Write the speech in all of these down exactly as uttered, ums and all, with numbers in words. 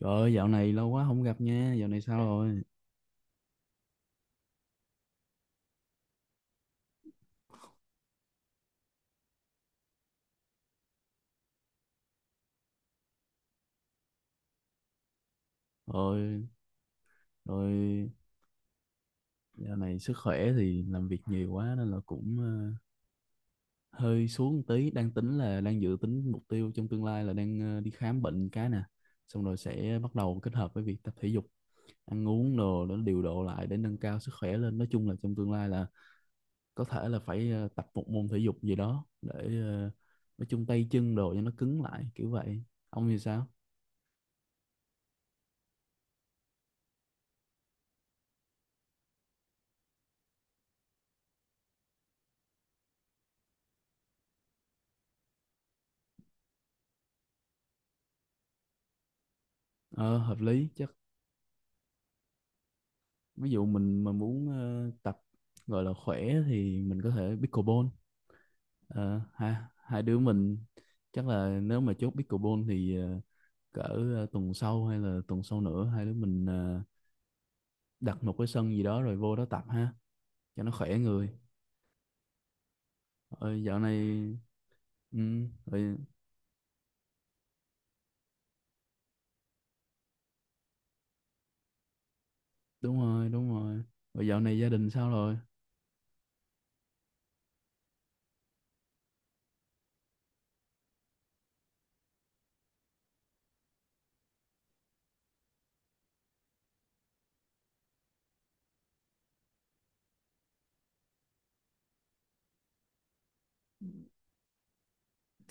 Trời ơi, dạo này lâu quá không gặp nha, dạo này sao rồi? Ôi, rồi. Dạo này sức khỏe thì làm việc nhiều quá nên là cũng ờ, hơi xuống một tí, đang tính là đang dự tính mục tiêu trong tương lai là đang ờ, đi khám bệnh cái nè, xong rồi sẽ bắt đầu kết hợp với việc tập thể dục, ăn uống đồ để điều độ lại để nâng cao sức khỏe lên. Nói chung là trong tương lai là có thể là phải ờ, tập một môn thể dục gì đó để ờ, nói chung tay chân đồ cho nó cứng lại kiểu vậy. Ông thì sao? Ờ, Hợp lý chắc. Ví dụ mình mà muốn ờ, tập gọi là khỏe thì mình có thể pickleball. Ờ, hai hai đứa mình chắc là nếu mà chốt pickleball thì ờ, cỡ ờ, tuần sau hay là tuần sau nữa, hai đứa mình ờ, đặt một cái sân gì đó rồi vô đó tập ha, cho nó khỏe người. Rồi dạo này, ừ, rồi, đúng rồi, đúng rồi. Rồi dạo này gia đình sao rồi?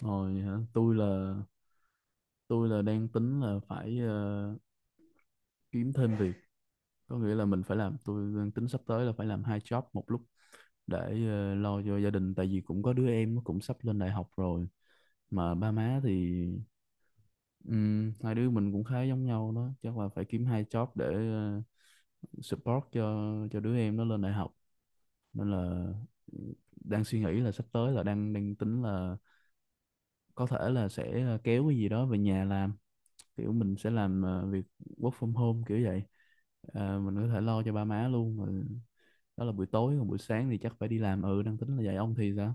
Rồi hả? tôi là tôi là đang tính là phải ờ, kiếm thêm việc, có nghĩa là mình phải làm. Tôi đang tính sắp tới là phải làm hai job một lúc để ờ, lo cho gia đình, tại vì cũng có đứa em nó cũng sắp lên đại học rồi mà ba má thì... ừm, Hai đứa mình cũng khá giống nhau đó, chắc là phải kiếm hai job để ờ, support cho cho đứa em nó lên đại học. Nên là đang suy nghĩ là sắp tới là đang đang tính là có thể là sẽ ờ, kéo cái gì đó về nhà làm, kiểu mình sẽ làm ờ, việc work from home kiểu vậy. Ờ, mình có thể lo cho ba má luôn rồi, đó là buổi tối, còn buổi sáng thì chắc phải đi làm. Ừ, đang tính là vậy. Ông thì sao?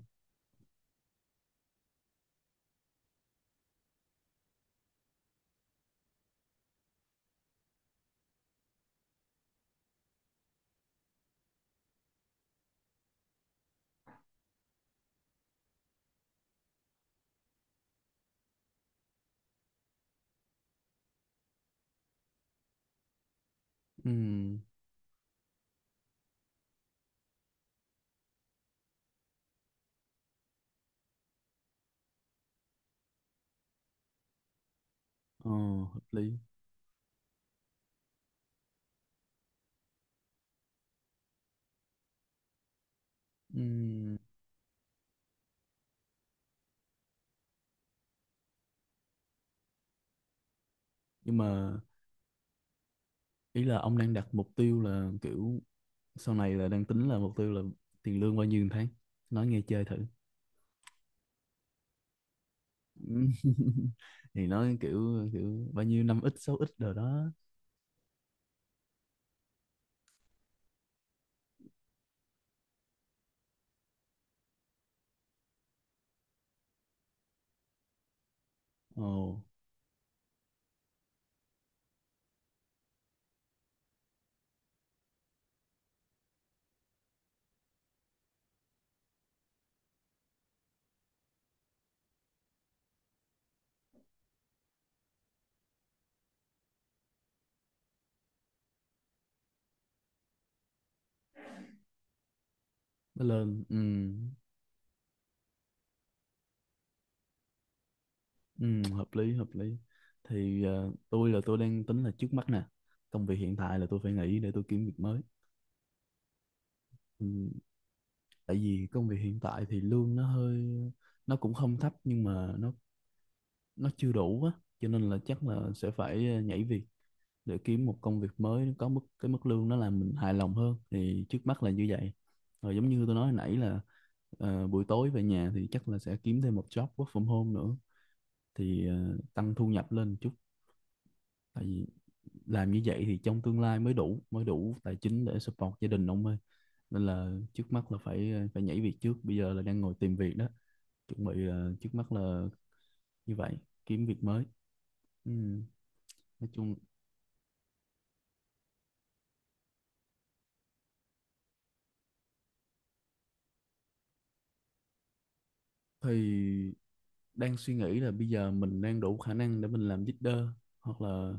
Ừ, ờ, hợp lý. Ừ, nhưng mà ý là ông đang đặt mục tiêu là kiểu sau này là đang tính là mục tiêu là tiền lương bao nhiêu một tháng, nói nghe chơi thử. Ừ. Thì nói kiểu kiểu bao nhiêu năm ít sáu ít rồi đó. Ồ, nó lên. Ừ, ừ, hợp lý hợp lý. Thì ờ, tôi là tôi đang tính là trước mắt nè, công việc hiện tại là tôi phải nghỉ để tôi kiếm việc mới. Ừm, Tại vì công việc hiện tại thì lương nó hơi, nó cũng không thấp nhưng mà nó nó chưa đủ á, cho nên là chắc là sẽ phải ờ, nhảy việc, để kiếm một công việc mới có mức, cái mức lương nó làm mình hài lòng hơn, thì trước mắt là như vậy. Rồi giống như tôi nói hồi nãy là ờ, buổi tối về nhà thì chắc là sẽ kiếm thêm một job work from home nữa, thì ờ, tăng thu nhập lên chút. Tại vì làm như vậy thì trong tương lai mới đủ, mới đủ tài chính để support gia đình ông ơi. Nên là trước mắt là phải phải nhảy việc trước, bây giờ là đang ngồi tìm việc đó, chuẩn bị là trước mắt là như vậy, kiếm việc mới. Ừ. Nói chung thì đang suy nghĩ là bây giờ mình đang đủ khả năng để mình làm leader, hoặc là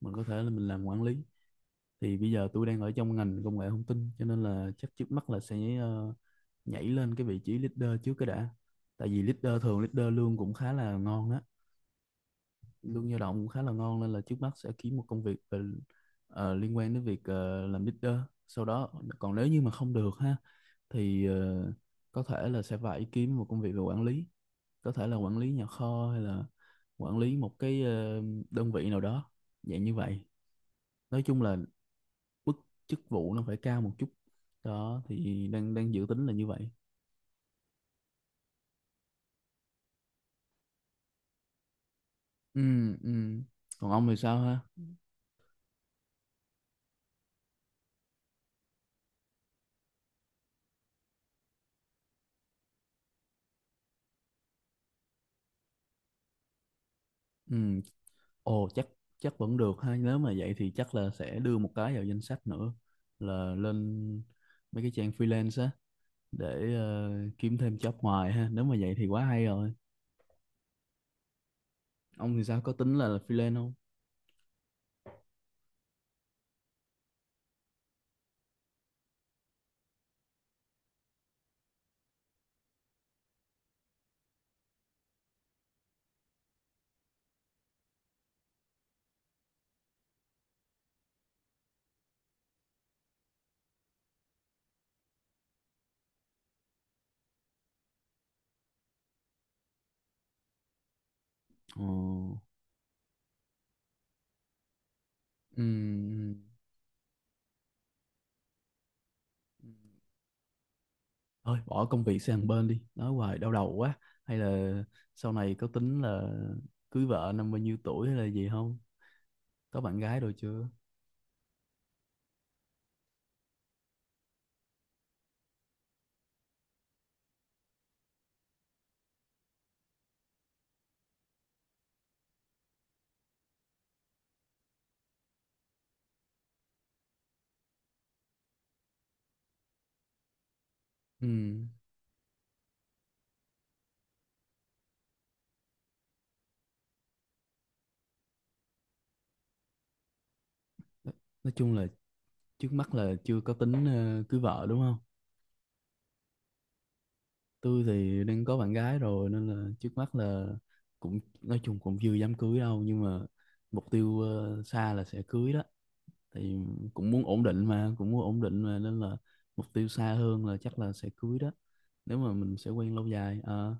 mình có thể là mình làm quản lý. Thì bây giờ tôi đang ở trong ngành công nghệ thông tin cho nên là chắc trước mắt là sẽ ờ, nhảy lên cái vị trí leader trước cái đã. Tại vì leader thường, leader lương cũng khá là ngon á, lương dao động cũng khá là ngon, nên là trước mắt sẽ kiếm một công việc về, ờ, liên quan đến việc ờ, làm leader. Sau đó, còn nếu như mà không được ha thì ờ, có thể là sẽ phải kiếm một công việc về quản lý, có thể là quản lý nhà kho hay là quản lý một cái ờ, đơn vị nào đó, dạng như vậy. Nói chung là mức chức vụ nó phải cao một chút, đó thì đang đang dự tính là như vậy. Ừ, ừ, còn ông thì sao ha? Ừ. Ồ, chắc chắc vẫn được ha, nếu mà vậy thì chắc là sẽ đưa một cái vào danh sách nữa là lên mấy cái trang freelance á để ờ, kiếm thêm job ngoài ha. Nếu mà vậy thì quá hay rồi. Ông thì sao, có tính là freelance không? Ồ. Ừ. Ừ. Thôi bỏ công việc sang bên đi, nói hoài đau đầu quá. Hay là sau này có tính là cưới vợ năm bao nhiêu tuổi hay là gì không, có bạn gái rồi chưa? Ừ. Nói nói chung là trước mắt là chưa có tính ờ, cưới vợ đúng không. Tôi thì đang có bạn gái rồi nên là trước mắt là cũng nói chung cũng chưa dám cưới đâu, nhưng mà mục tiêu ờ, xa là sẽ cưới đó. Thì cũng muốn ổn định mà, cũng muốn ổn định mà, nên là mục tiêu xa hơn là chắc là sẽ cưới đó nếu mà mình sẽ quen lâu dài. Ờ,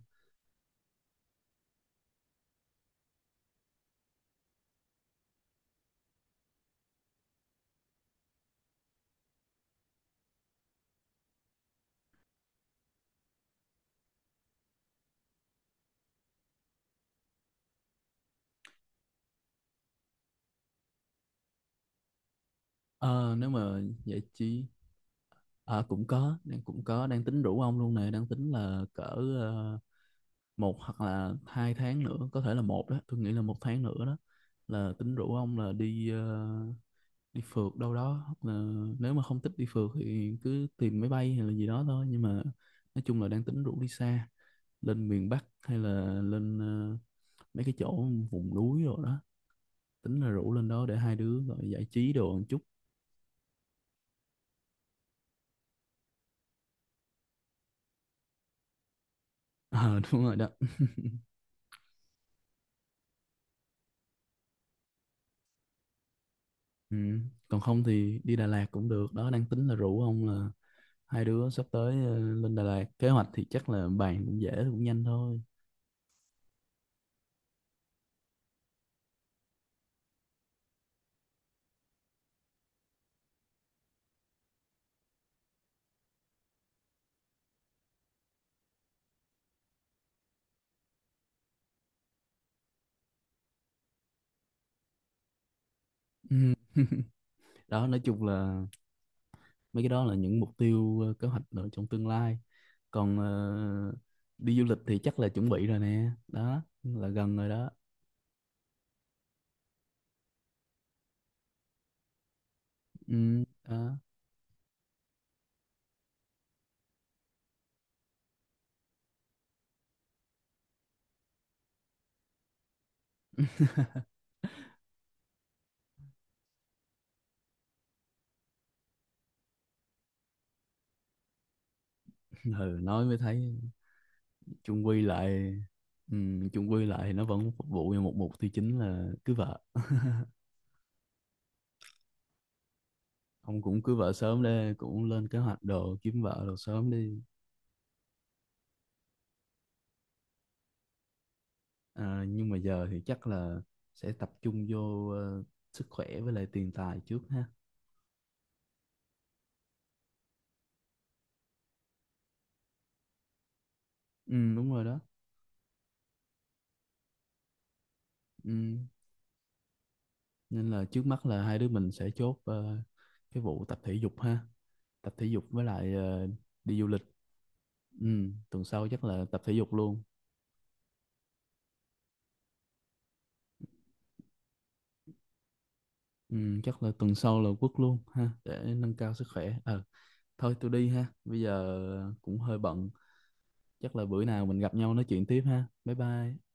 ờ, nếu mà vậy chi, ờ, cũng có đang cũng có đang tính rủ ông luôn nè, đang tính là cỡ ờ, một hoặc là hai tháng nữa, có thể là một đó, tôi nghĩ là một tháng nữa đó, là tính rủ ông là đi ờ, đi phượt đâu đó, hoặc là nếu mà không thích đi phượt thì cứ tìm máy bay hay là gì đó thôi. Nhưng mà nói chung là đang tính rủ đi xa, lên miền Bắc hay là lên ờ, mấy cái chỗ vùng núi rồi đó, tính là rủ lên đó để hai đứa gọi giải trí đồ một chút. ờ đúng rồi đó. Ừ, còn không thì đi Đà Lạt cũng được đó, đang tính là rủ ông là hai đứa sắp tới ờ, lên Đà Lạt. Kế hoạch thì chắc là bàn cũng dễ cũng nhanh thôi. Ừ. Đó, nói chung là mấy cái đó là những mục tiêu, ờ, kế hoạch ở trong tương lai. Còn ờ, đi du lịch thì chắc là chuẩn bị rồi nè, đó là gần rồi đó. Ừ, đó. Ừ, nói mới thấy chung quy lại ừ, chung quy lại thì nó vẫn phục vụ cho một mục tiêu chính là cưới vợ. Ông cũng cưới vợ sớm đi, cũng lên kế hoạch đồ kiếm vợ đồ sớm đi. À, nhưng mà giờ thì chắc là sẽ tập trung vô ờ, sức khỏe với lại tiền tài trước ha. Ừ, đúng rồi đó. Ừ. Nên là trước mắt là hai đứa mình sẽ chốt ờ, cái vụ tập thể dục ha, tập thể dục với lại ờ, đi du lịch. Ừ, tuần sau chắc là tập thể dục luôn. Ừ, chắc là tuần sau là quất luôn ha để nâng cao sức khỏe. ờ Thôi tôi đi ha, bây giờ cũng hơi bận. Chắc là bữa nào mình gặp nhau nói chuyện tiếp ha, bye bye.